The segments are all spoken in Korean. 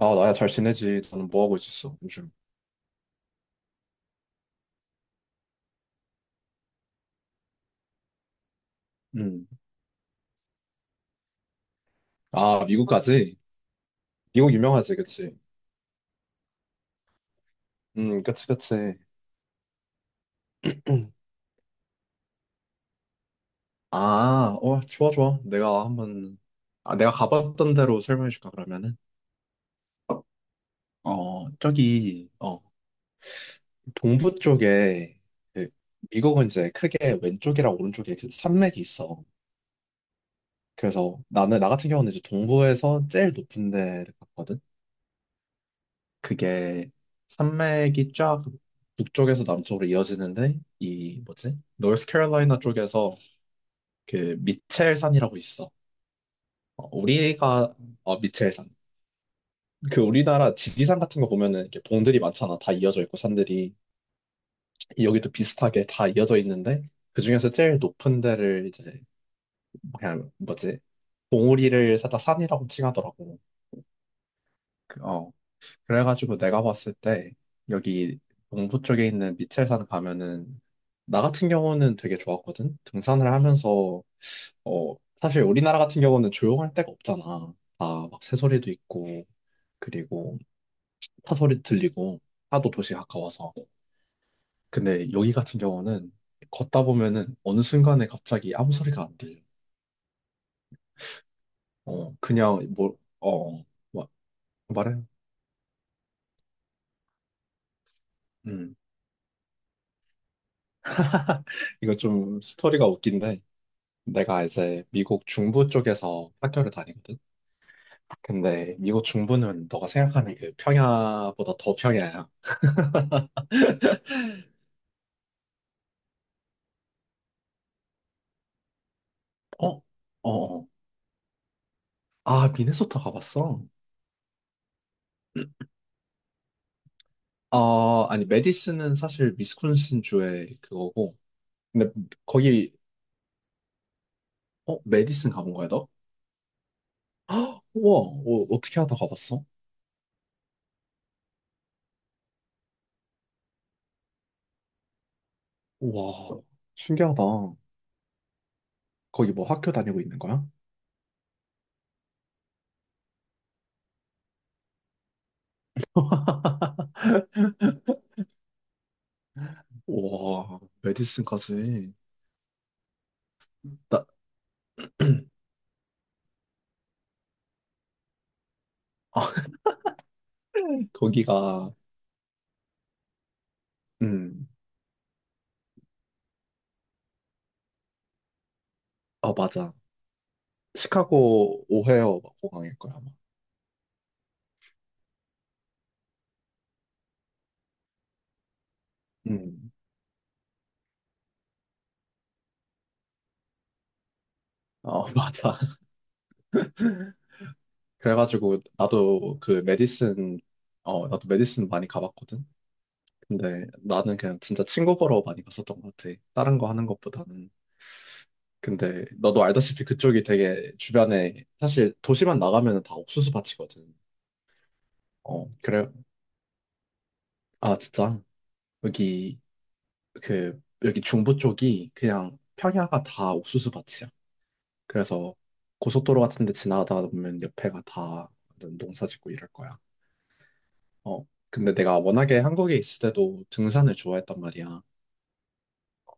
아, 나야 잘 지내지. 너는 뭐 하고 있었어, 요즘? 음. 아, 미국까지? 미국 유명하지, 그치? 그치, 그치. 아, 어, 좋아, 좋아. 내가 한번, 아, 내가 가봤던 대로 설명해 줄까, 그러면은? 어, 저기, 어, 동부 쪽에, 그 미국은 이제 크게 왼쪽이랑 오른쪽에 그 산맥이 있어. 그래서 나는, 나 같은 경우는 이제 동부에서 제일 높은 데를 갔거든? 그게 산맥이 쫙 북쪽에서 남쪽으로 이어지는데 이 뭐지? 노스캐롤라이나 쪽에서 그 미첼산이라고 있어. 어, 우리가 미첼산. 그 우리나라 지리산 같은 거 보면은 이렇게 봉들이 많잖아. 다 이어져 있고 산들이 여기도 비슷하게 다 이어져 있는데 그 중에서 제일 높은 데를 이제 그냥 뭐지? 봉우리를 살짝 산이라고 칭하더라고. 그, 어. 그래가지고 내가 봤을 때 여기 동부 쪽에 있는 미첼산 가면은 나 같은 경우는 되게 좋았거든. 등산을 하면서 사실 우리나라 같은 경우는 조용할 데가 없잖아. 다 막 새소리도 있고 그리고 차소리 들리고 하도 도시 가까워서. 근데 여기 같은 경우는 걷다 보면은 어느 순간에 갑자기 아무 소리가 안 들려. 어 그냥 뭐어 뭐, 말해. 음 이거 좀 스토리가 웃긴데. 내가 이제 미국 중부 쪽에서 학교를 다니거든. 근데 미국 중부는 너가 생각하는 그 평야보다 더 평야야. 어? 어. 어. 아, 미네소타 가봤어? 어, 아니 메디슨은 사실 위스콘신 주의 그거고. 근데 거기 어, 메디슨 가본 거야, 너? 우와, 어, 어떻게 하다 가봤어? 우와, 신기하다. 거기 뭐 학교 다니고 있는 거야? 우와, 메디슨까지. 나, 아, 거기가, 음, 아, 맞아. 시카고 오헤어 공항일 거야, 아마. 음. 어, 맞아. 그래가지고, 나도 그 메디슨, 어, 나도 메디슨 많이 가봤거든? 근데 나는 그냥 진짜 친구 보러 많이 갔었던 것 같아. 다른 거 하는 것보다는. 근데 너도 알다시피 그쪽이 되게 주변에, 사실 도시만 나가면 다 옥수수 밭이거든. 어, 그래. 아, 진짜? 여기, 그, 여기 중부 쪽이 그냥 평야가 다 옥수수 밭이야. 그래서 고속도로 같은 데 지나가다 보면 옆에가 다 농사 짓고 이럴 거야. 어. 근데 내가 워낙에 한국에 있을 때도 등산을 좋아했단 말이야.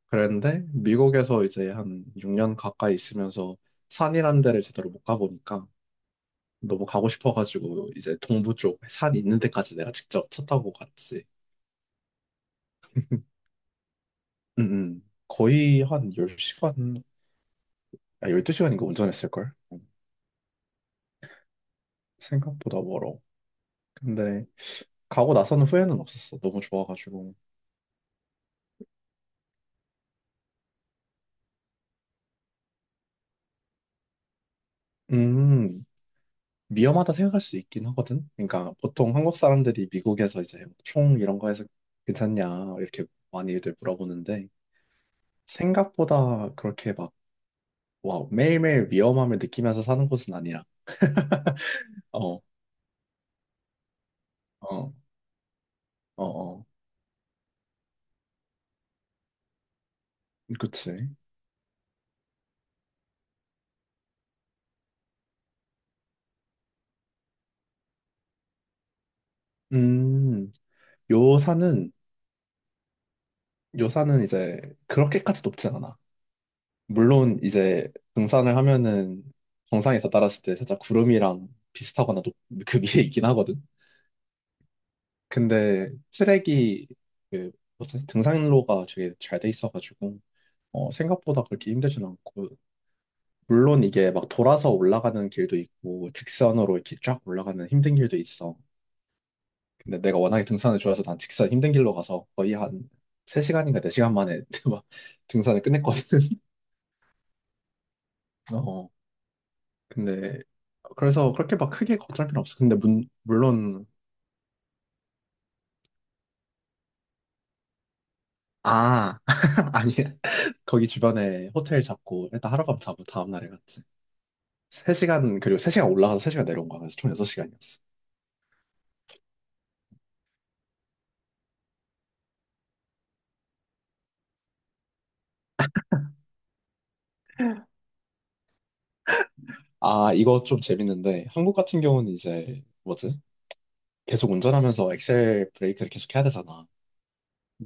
그런데 미국에서 이제 한 6년 가까이 있으면서 산이란 데를 제대로 못 가보니까 너무 가고 싶어가지고 이제 동부 쪽 산 있는 데까지 내가 직접 차 타고 갔지. 응응. 거의 한 10시간, 아, 12시간인가 운전했을걸? 생각보다 멀어. 근데 가고 나서는 후회는 없었어. 너무 좋아가지고. 음, 위험하다 생각할 수 있긴 하거든. 그러니까 보통 한국 사람들이 미국에서 이제 총 이런 거에서 괜찮냐 이렇게 많이들 물어보는데 생각보다 그렇게 막 와, 매일매일 위험함을 느끼면서 사는 곳은 아니라. 어, 어, 어, 어. 그치. 음, 요산은 요산은 이제 그렇게까지 높진 않아. 물론 이제 등산을 하면은 정상에 다다랐을 때 살짝 구름이랑 비슷하거나 높, 그 위에 있긴 하거든. 근데 트랙이 그 뭐지? 등산로가 되게 잘 돼 있어가지고 어, 생각보다 그렇게 힘들진 않고 물론 이게 막 돌아서 올라가는 길도 있고 직선으로 이렇게 쫙 올라가는 힘든 길도 있어. 근데 내가 워낙에 등산을 좋아해서 난 직선 힘든 길로 가서 거의 한 3시간인가 4시간 만에 막 등산을 끝냈거든. 어, 근데 그래서 그렇게 막 크게 걱정할 필요 없어. 근데 문, 물론 아 아니 거기 주변에 호텔 잡고 일단 하룻밤 자고 다음날에 갔지. 3시간, 그리고 3시간 올라가서 3시간 내려온 거야. 그래서 총 6시간이었어. 아, 이거 좀 재밌는데, 한국 같은 경우는 이제, 뭐지? 계속 운전하면서 엑셀 브레이크를 계속 해야 되잖아.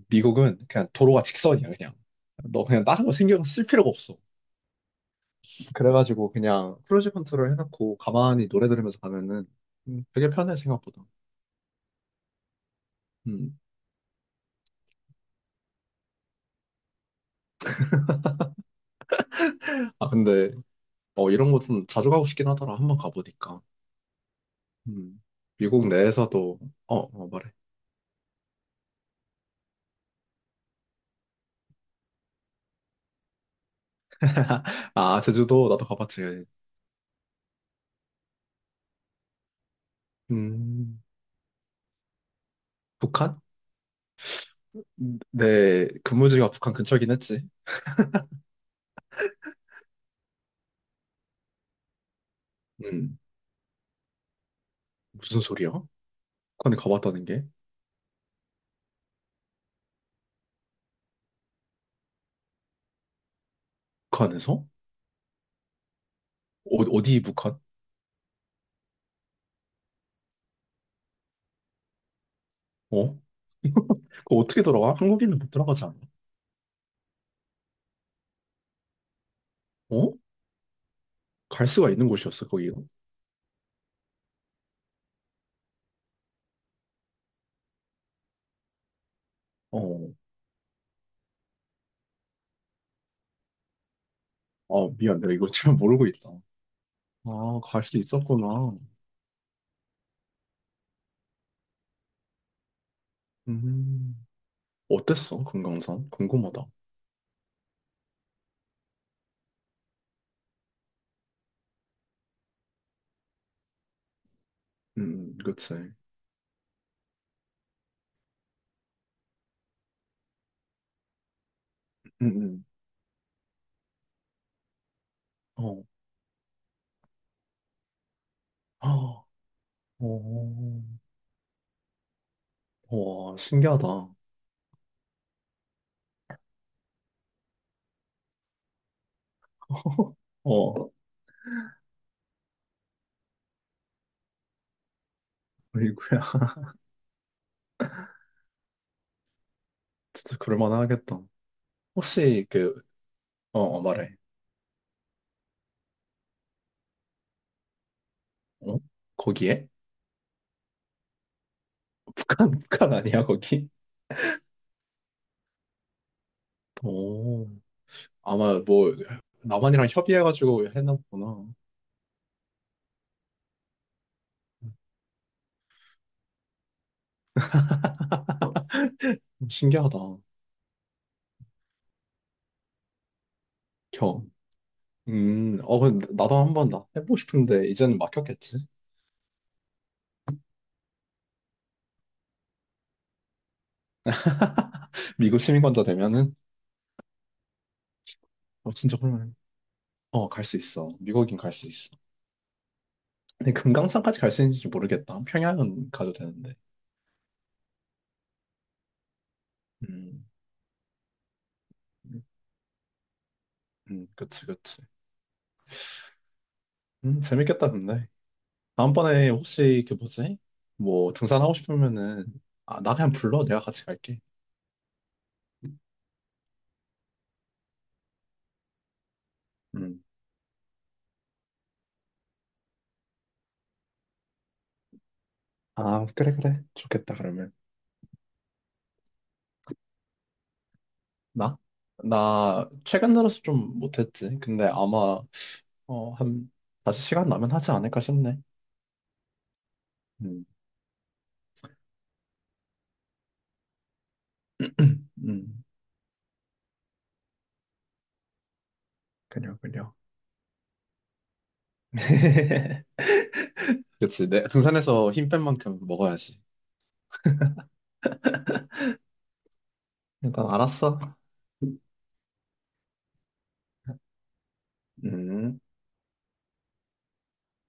미국은 그냥 도로가 직선이야, 그냥. 너 그냥 다른 거 신경 쓸 필요가 없어. 그래가지고 그냥 크루즈 컨트롤 해놓고 가만히 노래 들으면서 가면은 되게 편해, 생각보다. 음. 아, 근데, 어, 이런 거 좀 자주 가고 싶긴 하더라. 한번 가보니까. 음. 미국 내에서도, 어, 어, 말해. 아, 제주도 나도 가봤지. 음. 북한? 내 근무지가 북한 근처긴 했지. 음, 무슨 소리야? 북한에 가봤다는 게 북한에서? 어, 어디 북한? 어? 그거 어떻게 들어가? 한국인은 못 들어가지 않아? 어? 갈 수가 있는 곳이었어 거기가. 어, 아 미안 내가 이거 잘 모르고 있다. 아, 갈 수 있었구나. 음, 어땠어 금강산? 궁금하다. 그치. 음. 어, 아, 오, 와 신기하다. 어, 아이고 진짜 그럴만하겠다. 혹시 그, 어, 어, 말해. 어? 거기에? 북한, 북한 아니야, 거기? 오, 아마 뭐, 남한이랑 협의해가지고 해놨구나. 신기하다. 겨. 어, 근데 나도 한번 나 해보고 싶은데, 이제는 막혔겠지? 미국 시민권자 되면은, 어, 진짜 그러면, 어, 갈 수 있어. 미국인 갈 수 있어. 근데 금강산까지 갈 수 있는지 모르겠다. 평양은 가도 되는데. 음, 그치, 그치. 재밌겠다, 근데. 다음번에 혹시 그 뭐지? 뭐 등산하고 싶으면은 아, 나 그냥 불러. 내가 같이 갈게. 음. 아, 그래, 그래. 좋겠다, 그러면. 나? 나 최근 들어서 좀 못했지. 근데 아마 어, 한 다시 시간 나면 하지 않을까 싶네. 음, 음, 그려, 그려. 그치. 내 등산에서 힘 뺀 만큼 먹어야지. 일단 알았어. 음.